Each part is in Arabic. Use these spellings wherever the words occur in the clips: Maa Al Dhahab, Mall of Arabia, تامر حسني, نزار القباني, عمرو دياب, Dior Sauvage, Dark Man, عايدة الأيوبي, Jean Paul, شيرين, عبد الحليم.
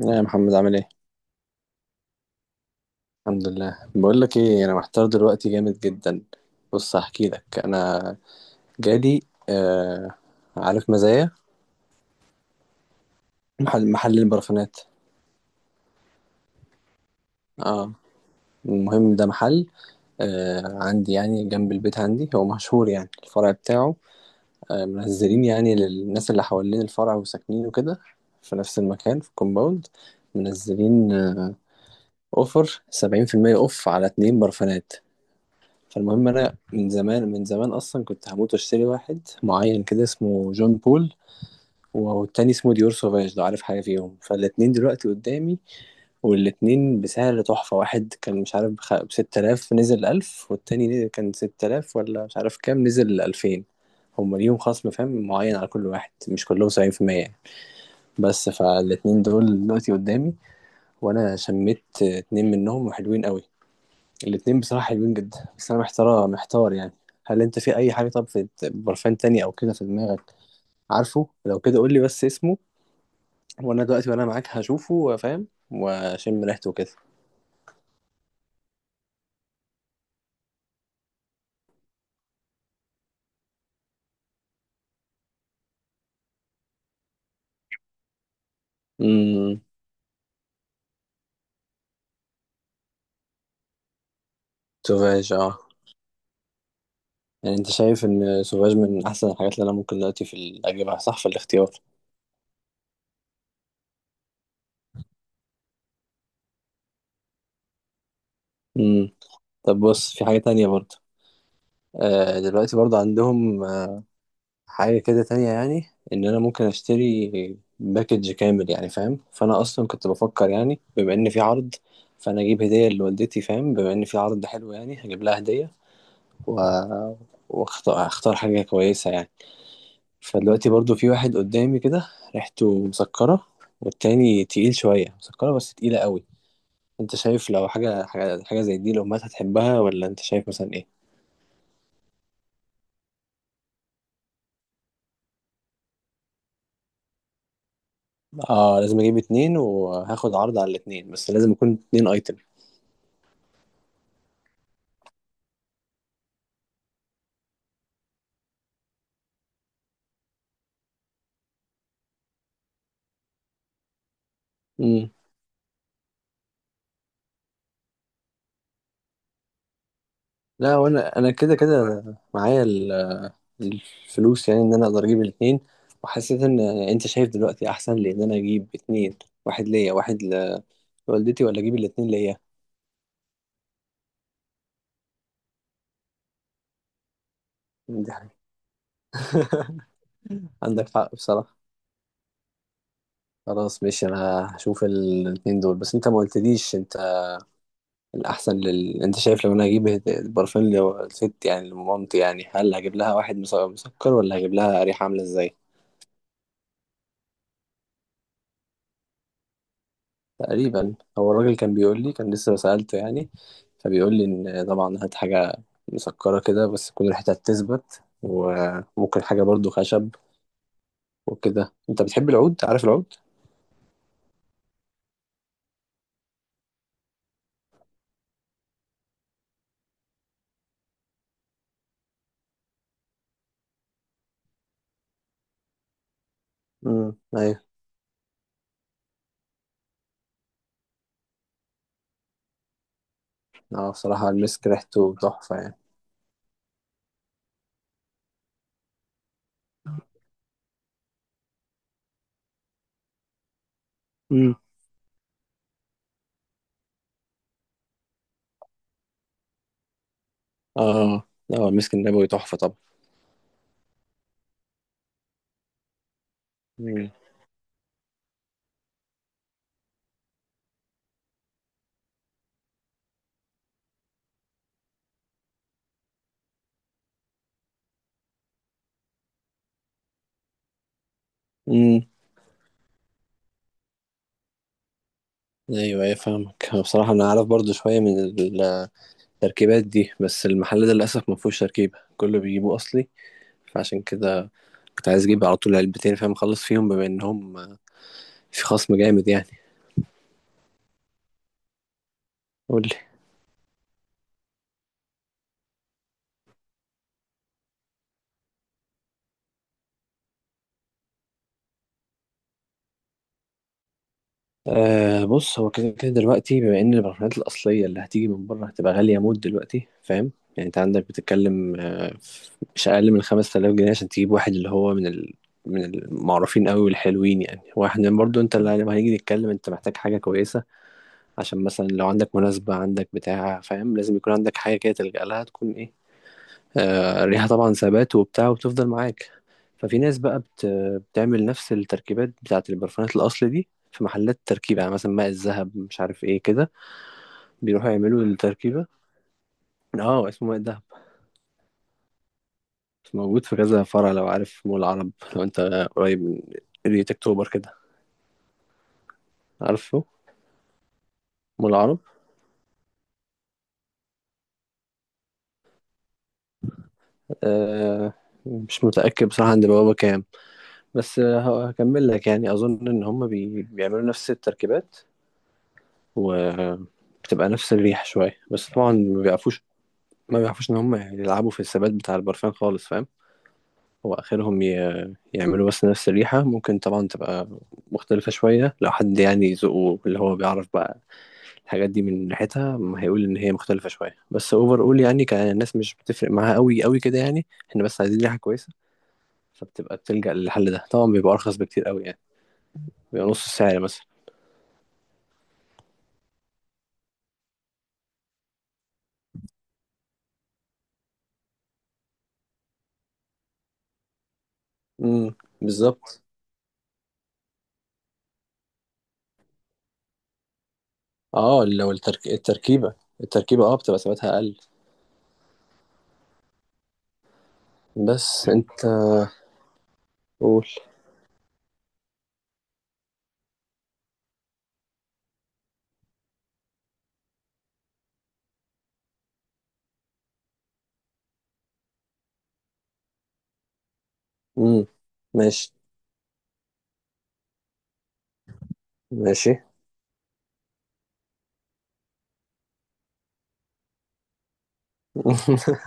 يا محمد عامل ايه؟ الحمد لله. بقول لك ايه، انا محتار دلوقتي جامد جدا. بص هحكي لك انا، جالي آه، عارف مزايا؟ محل البرفانات. اه المهم ده محل آه عندي يعني جنب البيت، عندي هو مشهور يعني الفرع بتاعه آه، منزلين يعني للناس اللي حوالين الفرع وساكنين وكده في نفس المكان في كومباوند. منزلين آه اوفر سبعين في المية اوف على اتنين برفانات. فالمهم انا من زمان من زمان اصلا كنت هموت واشتري واحد معين كده اسمه جون بول، والتاني اسمه ديور سوفاج، لو عارف حاجه فيهم. فالاتنين دلوقتي قدامي، والاتنين بسعر تحفه. واحد كان مش عارف ب 6000 نزل 1000، والتاني كان 6000 ولا مش عارف كام نزل 2000. هما ليهم خصم فاهم معين على كل واحد، مش كلهم 70%، يعني. بس فالاتنين دول دلوقتي قدامي وانا شميت اتنين منهم وحلوين قوي. الاتنين بصراحة حلوين جدا، بس أنا محتار محتار يعني. هل أنت في أي حاجة؟ طب في برفان تاني أو كده في دماغك عارفه؟ لو كده قول لي بس اسمه، وأنا دلوقتي وأنا معاك هشوفه فاهم وأشم ريحته كده. امم، سوفاج اه. يعني أنت شايف إن سوفاج من أحسن الحاجات اللي أنا ممكن دلوقتي في أجيبها، صح في الاختيار؟ امم، طب بص في حاجة تانية برضه. آه دلوقتي برضه عندهم حاجة كده تانية، يعني إن أنا ممكن أشتري باكج كامل يعني فاهم. فأنا أصلا كنت بفكر يعني بما إن في عرض، فأنا أجيب هدية لوالدتي فاهم، بما إن في عرض حلو يعني هجيب لها هدية و... وأختار حاجة كويسة يعني. فدلوقتي برضو في واحد قدامي كده ريحته مسكرة، والتاني تقيل شوية مسكرة بس تقيلة قوي. أنت شايف لو حاجة حاجة زي دي الأمهات هتحبها، ولا أنت شايف مثلا إيه؟ آه لازم أجيب اتنين وهاخد عرض على الاتنين، بس لازم يكون اتنين أيتم. لا، وانا كده كده معايا الفلوس، يعني ان انا اقدر اجيب الاتنين. وحسيت ان انت شايف دلوقتي احسن لي ان انا اجيب اتنين، واحد ليا واحد لوالدتي، ولا اجيب الاتنين ليا؟ دي حاجة. عندك حق بصراحة. خلاص ماشي، انا هشوف الاتنين دول. بس انت ما قلتليش انت الاحسن انت شايف لو انا هجيب البرفان لست يعني لمامتي، يعني هل هجيب لها واحد مسكر، ولا هجيب لها ريحة عاملة ازاي؟ تقريبا هو الراجل كان بيقول لي، كان لسه سألته يعني، فبيقول لي ان طبعا هات حاجة مسكرة كده بس تكون ريحتها تثبت، وممكن حاجة برضو خشب وكده. انت بتحب العود؟ عارف العود؟ ايوه. اه بصراحة المسك ريحته تحفة يعني. امم، اه. اه المسك النبوي تحفة طبعا. امم. امم ايوه ايوه فاهمك. أنا بصراحة انا عارف برضو شوية من التركيبات دي، بس المحل ده للأسف ما فيهوش تركيبة، كله بيجيبوه اصلي. فعشان كده كنت عايز اجيب على طول علبتين فاهم، اخلص فيهم بما انهم في خصم جامد يعني. قول لي. آه بص هو كده كده دلوقتي، بما ان البرفانات الاصليه اللي هتيجي من بره هتبقى غاليه موت دلوقتي فاهم. يعني انت عندك بتتكلم آه مش اقل من 5000 جنيه عشان تجيب واحد اللي هو من المعروفين قوي والحلوين. يعني واحد برضو، انت اللي لما هنيجي نتكلم انت محتاج حاجه كويسه، عشان مثلا لو عندك مناسبة، عندك بتاع فاهم، لازم يكون عندك حاجة كده تلجأ لها تكون ايه آه، الريحة طبعا ثبات وبتاع وتفضل معاك. ففي ناس بقى بتعمل نفس التركيبات بتاعة البرفانات الأصل دي في محلات تركيب، يعني مثلا ماء الذهب مش عارف ايه كده، بيروحوا يعملوا التركيبة. اه اسمه ماء الذهب، موجود في كذا فرع. لو عارف مول العرب، لو انت قريب من قرية اكتوبر كده عارفه مول العرب. آه مش متأكد بصراحة عند بوابة كام، بس آه، هكمل لك. يعني أظن إن هما بيعملوا نفس التركيبات، وبتبقى نفس الريحة شوية، بس طبعا ما بيعرفوش، ان هم يلعبوا في الثبات بتاع البرفان خالص فاهم. هو اخرهم يعملوا بس نفس الريحة، ممكن طبعا تبقى مختلفة شوية لو حد يعني ذوقه اللي هو بيعرف بقى الحاجات دي من ريحتها ما هيقول ان هي مختلفة شوية. بس اوفر اول يعني كان الناس مش بتفرق معاها قوي قوي كده، يعني احنا بس عايزين ريحة كويسة، فبتبقى بتلجأ للحل ده. طبعا بيبقى ارخص بكتير قوي يعني، بيبقى نص السعر مثلا. امم، بالظبط. اه لو التركيبة، اه بتبقى ثباتها أقل. بس أنت قول. امم، ماشي ماشي.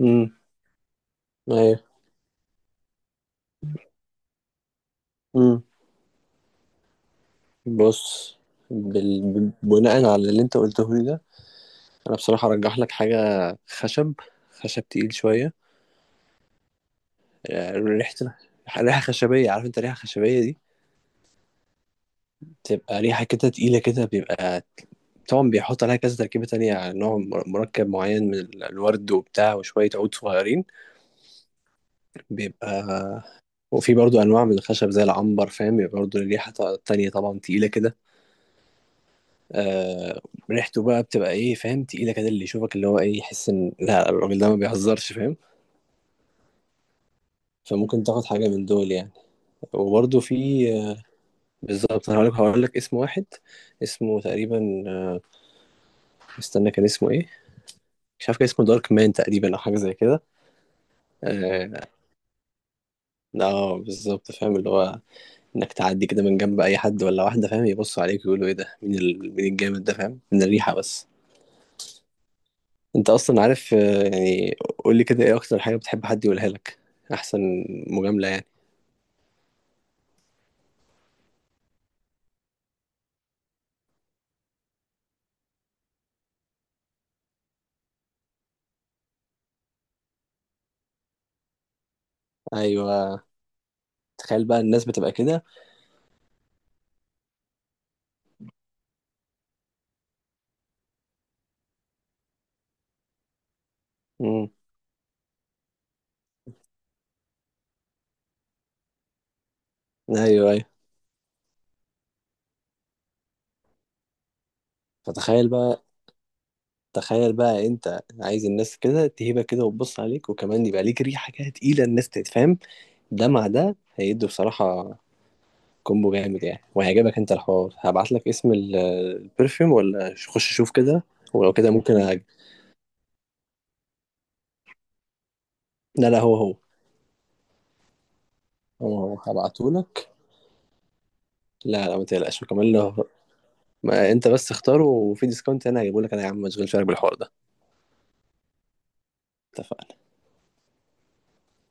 امم، ايوه، امم. بص بناء على اللي انت قلته لي ده، انا بصراحة ارجح لك حاجة خشب، خشب تقيل شوية. آه، ريحة خشبية. عارف انت ريحة خشبية دي؟ تبقى ريحة كده تقيلة كده، بيبقى طبعا بيحط عليها كذا تركيبة تانية يعني نوع مركب معين من الورد وبتاع وشوية عود صغيرين. بيبقى وفي برضو انواع من الخشب زي العنبر فاهم، بيبقى برضو الريحه تانية طبعا، تقيله كده. آه ريحته بقى بتبقى ايه فاهم، تقيله كده اللي يشوفك اللي هو ايه يحس ان لا الراجل ده ما بيهزرش فاهم. فممكن تاخد حاجه من دول يعني. وبرضو في آه، بالظبط. انا هقول لك، اسم واحد اسمه تقريبا آه، استنى كان اسمه ايه؟ مش عارف كان اسمه دارك مان تقريبا، او حاجه زي كده. اه آه، بالظبط فاهم اللي هو انك تعدي كده من جنب اي حد ولا واحده فاهم، يبصوا عليك ويقولوا ايه ده، مين مين الجامد ده فاهم، من الريحه بس. انت اصلا عارف آه، يعني قول لي كده ايه اكتر حاجه بتحب حد يقولها لك، احسن مجامله يعني؟ ايوه. تخيل بقى الناس بتبقى كده. امم، ايوه ايوه. فتخيل بقى، تخيل بقى انت عايز الناس كده تهيبك كده وتبص عليك، وكمان يبقى ليك ريحه كده تقيله، الناس تتفهم. ده مع ده هيدوا بصراحه كومبو جامد يعني، وهيعجبك انت الحوار. هبعت لك اسم البرفيوم، ولا خش شوف كده. ولو كده ممكن لا لا هو هو. هو هو هبعته لك. لا لا ما تقلقش، وكمان لو، ما انت بس اختاره وفي ديسكاونت انا هجيبه لك انا يا عم، ما تشغلش بالك بالحوار ده. اتفقنا.